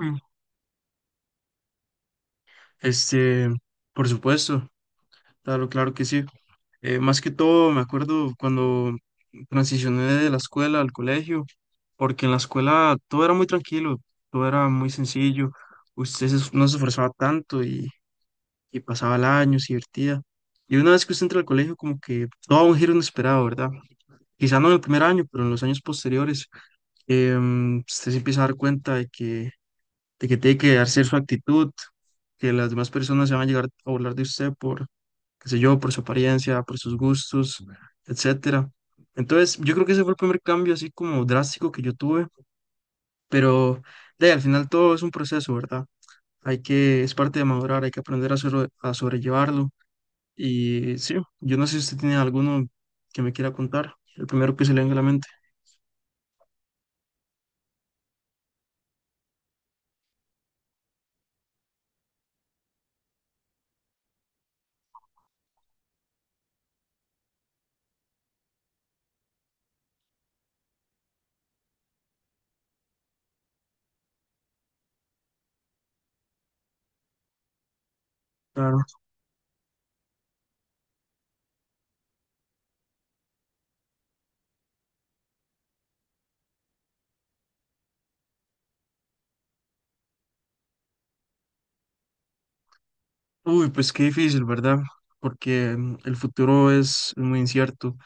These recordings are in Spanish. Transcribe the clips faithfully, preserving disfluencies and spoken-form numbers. Mm. Este, por supuesto, claro, claro que sí. Eh, más que todo, me acuerdo cuando transicioné de la escuela al colegio, porque en la escuela todo era muy tranquilo, todo era muy sencillo, usted se no se esforzaba tanto y, y pasaba el año, se divertía. Y una vez que usted entra al colegio, como que todo da un giro inesperado, ¿verdad? Quizá no en el primer año, pero en los años posteriores, em, usted se empieza a dar cuenta de que de que tiene que darse su actitud, que las demás personas se van a llegar a hablar de usted por, qué sé yo, por su apariencia, por sus gustos, etcétera. Entonces, yo creo que ese fue el primer cambio así como drástico que yo tuve, pero de ahí, al final todo es un proceso, ¿verdad? Hay que, es parte de madurar, hay que aprender a, sobre- a sobrellevarlo. Y sí, yo no sé si usted tiene alguno que me quiera contar, el primero que se le venga a la mente. Claro. Uy, pues qué difícil, ¿verdad? Porque mm, el futuro es muy incierto.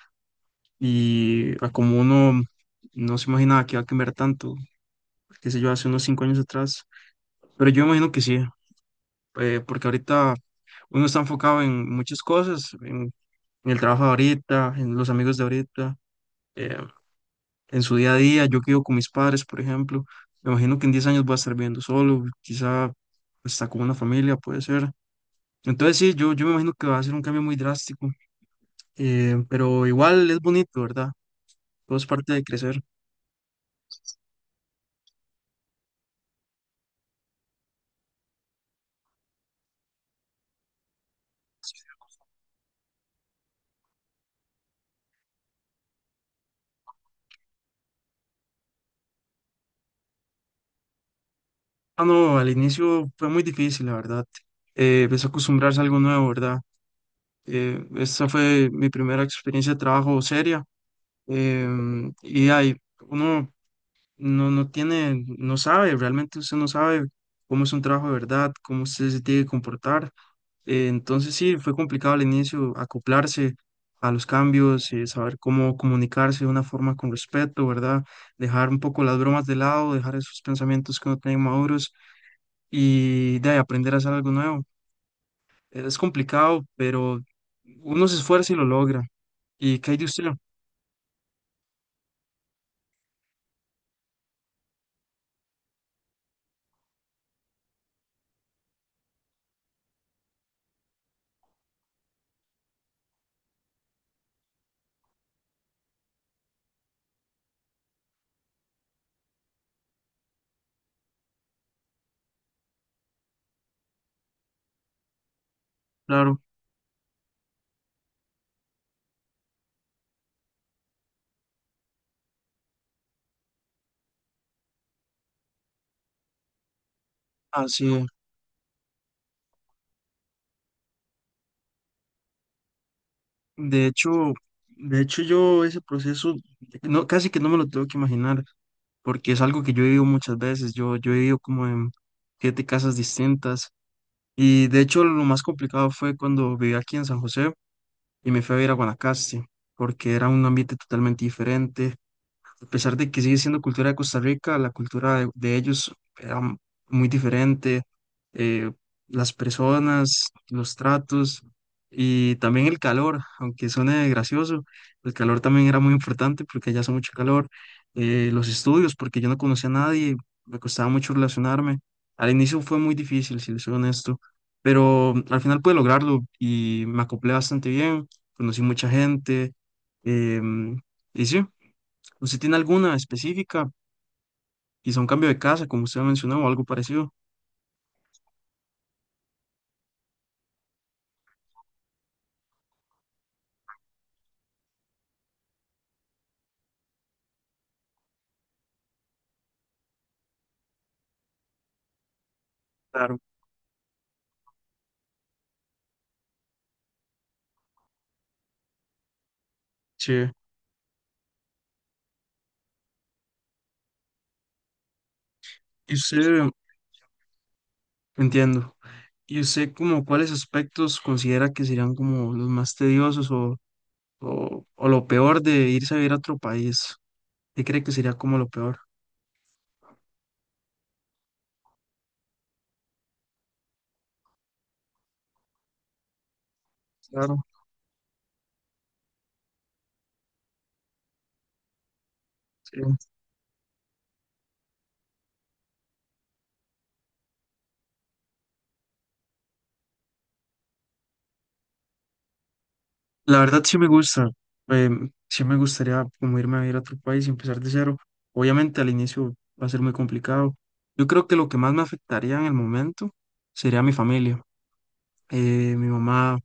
Y a como uno no se imaginaba que va a cambiar tanto, qué sé yo, hace unos cinco años atrás. Pero yo imagino que sí, eh, porque ahorita uno está enfocado en muchas cosas, en, en el trabajo de ahorita, en los amigos de ahorita, eh, en su día a día. Yo que vivo con mis padres, por ejemplo, me imagino que en diez años voy a estar viviendo solo, quizá hasta con una familia, puede ser. Entonces sí, yo, yo me imagino que va a ser un cambio muy drástico, eh, pero igual es bonito, ¿verdad? Todo es parte de crecer. Ah, no, al inicio fue muy difícil, la verdad. Eh, empecé a acostumbrarse a algo nuevo, ¿verdad? Eh, esta fue mi primera experiencia de trabajo seria. Em, y ahí uno no, no tiene, no sabe, realmente usted no sabe cómo es un trabajo de verdad, cómo usted se tiene que comportar. Eh, entonces sí, fue complicado al inicio acoplarse a los cambios, eh, saber cómo comunicarse de una forma con respeto, ¿verdad? Dejar un poco las bromas de lado, dejar esos pensamientos que uno tiene maduros y de ahí aprender a hacer algo nuevo. Es complicado, pero uno se esfuerza y lo logra. ¿Y qué hay de usted? Claro, así es. De hecho, de hecho yo ese proceso no, casi que no me lo tengo que imaginar, porque es algo que yo he vivido muchas veces. Yo, yo he vivido como en siete casas distintas. Y de hecho lo más complicado fue cuando viví aquí en San José y me fui a vivir a Guanacaste, porque era un ambiente totalmente diferente a pesar de que sigue siendo cultura de Costa Rica, la cultura de, de ellos era m- muy diferente, eh, las personas, los tratos y también el calor, aunque suene gracioso, el calor también era muy importante porque allá hace mucho calor, eh, los estudios, porque yo no conocía a nadie, me costaba mucho relacionarme, al inicio fue muy difícil, si les soy honesto, pero mm, al final pude lograrlo y me acoplé bastante bien, conocí mucha gente, em, y sí. ¿Usted tiene alguna específica? Quizá un cambio de casa, como usted mencionó, o algo parecido. Claro. Sí. Y usted, entiendo. ¿Y usted como cuáles aspectos considera que serían como los más tediosos o, o, o lo peor de irse a vivir a otro país? ¿Qué cree que sería como lo peor? Claro, sí. La verdad sí me gusta. Em, sí me gustaría como irme a vivir a otro país y empezar de cero. Obviamente al inicio va a ser muy complicado. Yo creo que lo que más me afectaría en el momento sería mi familia eh, mi mamá,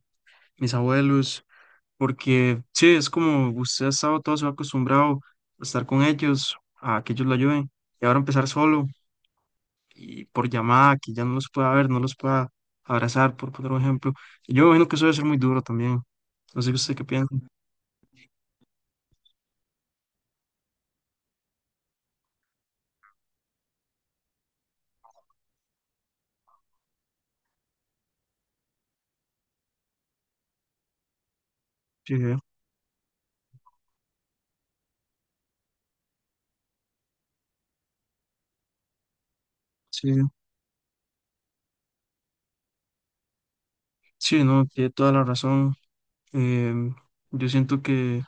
mis abuelos, porque sí, es como usted ha estado todo su vida acostumbrado a estar con ellos, a que ellos lo ayuden, y ahora empezar solo y por llamada, que ya no los pueda ver, no los pueda abrazar, por poner un ejemplo. Y yo me imagino que eso debe ser muy duro también. No sé usted qué piensa. Sí, eh, sí, sí, no, tiene toda la razón. Em, yo siento que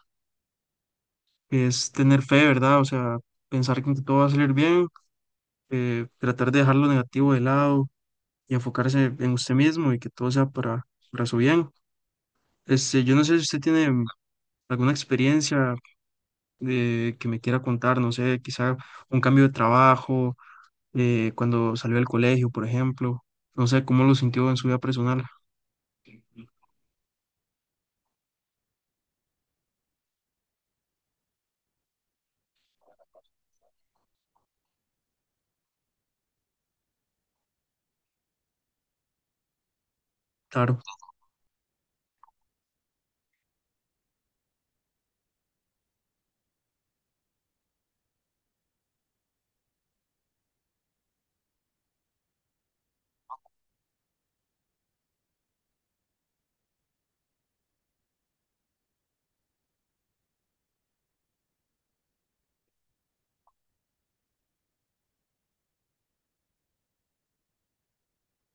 es tener fe, ¿verdad? O sea, pensar que todo va a salir bien, eh, tratar de dejar lo negativo de lado y enfocarse en usted mismo y que todo sea para, para su bien. Este, yo no sé si usted tiene alguna experiencia eh, que me quiera contar, no sé, quizá un cambio de trabajo, eh, cuando salió del colegio, por ejemplo, no sé cómo lo sintió en su vida personal. Claro,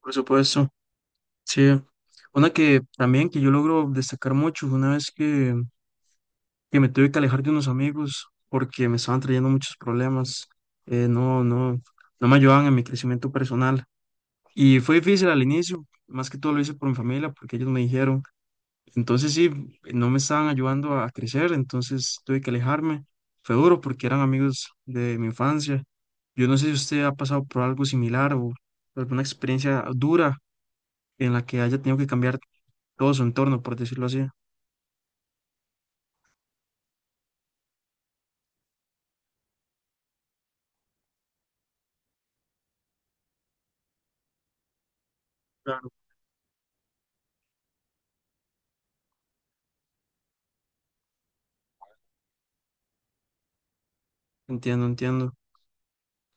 por supuesto, sí. Una que también que yo logro destacar mucho fue una vez que, que me tuve que alejar de unos amigos porque me estaban trayendo muchos problemas, eh, no, no, no me ayudaban en mi crecimiento personal. Y fue difícil al inicio, más que todo lo hice por mi familia, porque ellos me dijeron. Entonces sí, no me estaban ayudando a crecer, entonces tuve que alejarme. Fue duro porque eran amigos de mi infancia. Yo no sé si usted ha pasado por algo similar o alguna experiencia dura en la que haya tenido que cambiar todo su entorno, por decirlo así. Claro. Entiendo, entiendo.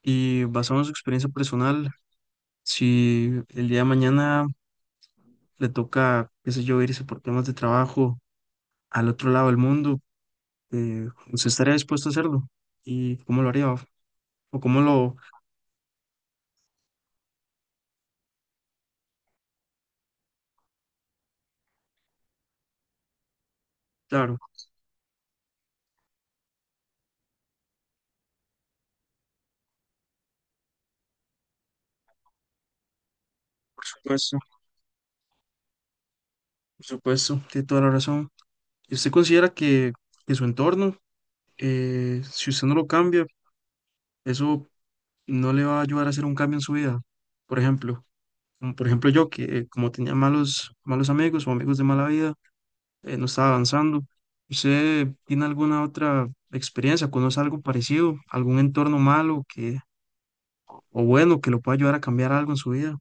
Y basado en su experiencia personal, si el día de mañana le toca, qué sé yo, irse por temas de trabajo al otro lado del mundo, eh, ¿usted estaría dispuesto a hacerlo? ¿Y cómo lo haría? ¿O cómo lo...? Claro, por supuesto, por supuesto, tiene toda la razón. ¿Y usted considera que, que su entorno, eh, si usted no lo cambia, eso no le va a ayudar a hacer un cambio en su vida? Por ejemplo, como por ejemplo yo, que eh, como tenía malos, malos amigos o amigos de mala vida, eh, no estaba avanzando. ¿Usted tiene alguna otra experiencia? ¿Conoce algo parecido? ¿Algún entorno malo que, o bueno que lo pueda ayudar a cambiar algo en su vida?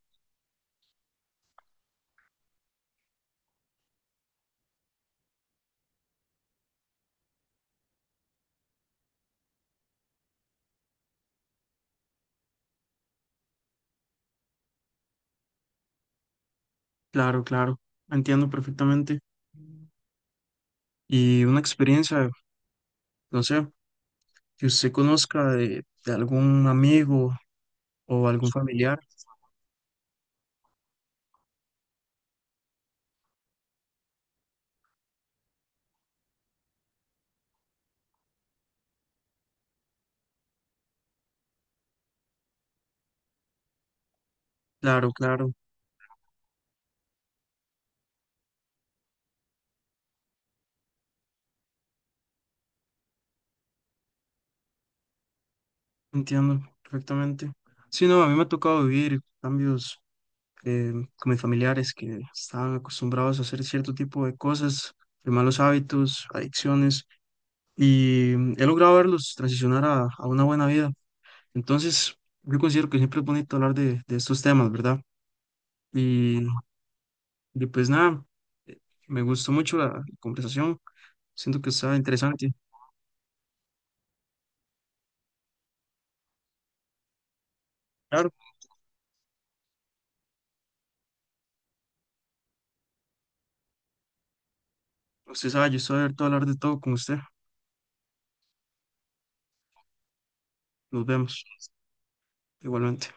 Claro, claro, entiendo perfectamente. Y una experiencia, no sé, que usted conozca de, de algún amigo o algún familiar. Claro, claro, entiendo perfectamente. Sí, no, a mí me ha tocado vivir cambios eh, con mis familiares que estaban acostumbrados a hacer cierto tipo de cosas, de malos hábitos, adicciones, y mm, he logrado verlos transicionar a, a una buena vida. Entonces, yo considero que siempre es bonito hablar de, de estos temas, ¿verdad? Y Y pues nada, eh, me gustó mucho la la conversación. Siento que estaba interesante. Claro, usted sabe, yo estoy abierto a hablar de todo con usted. Nos vemos igualmente.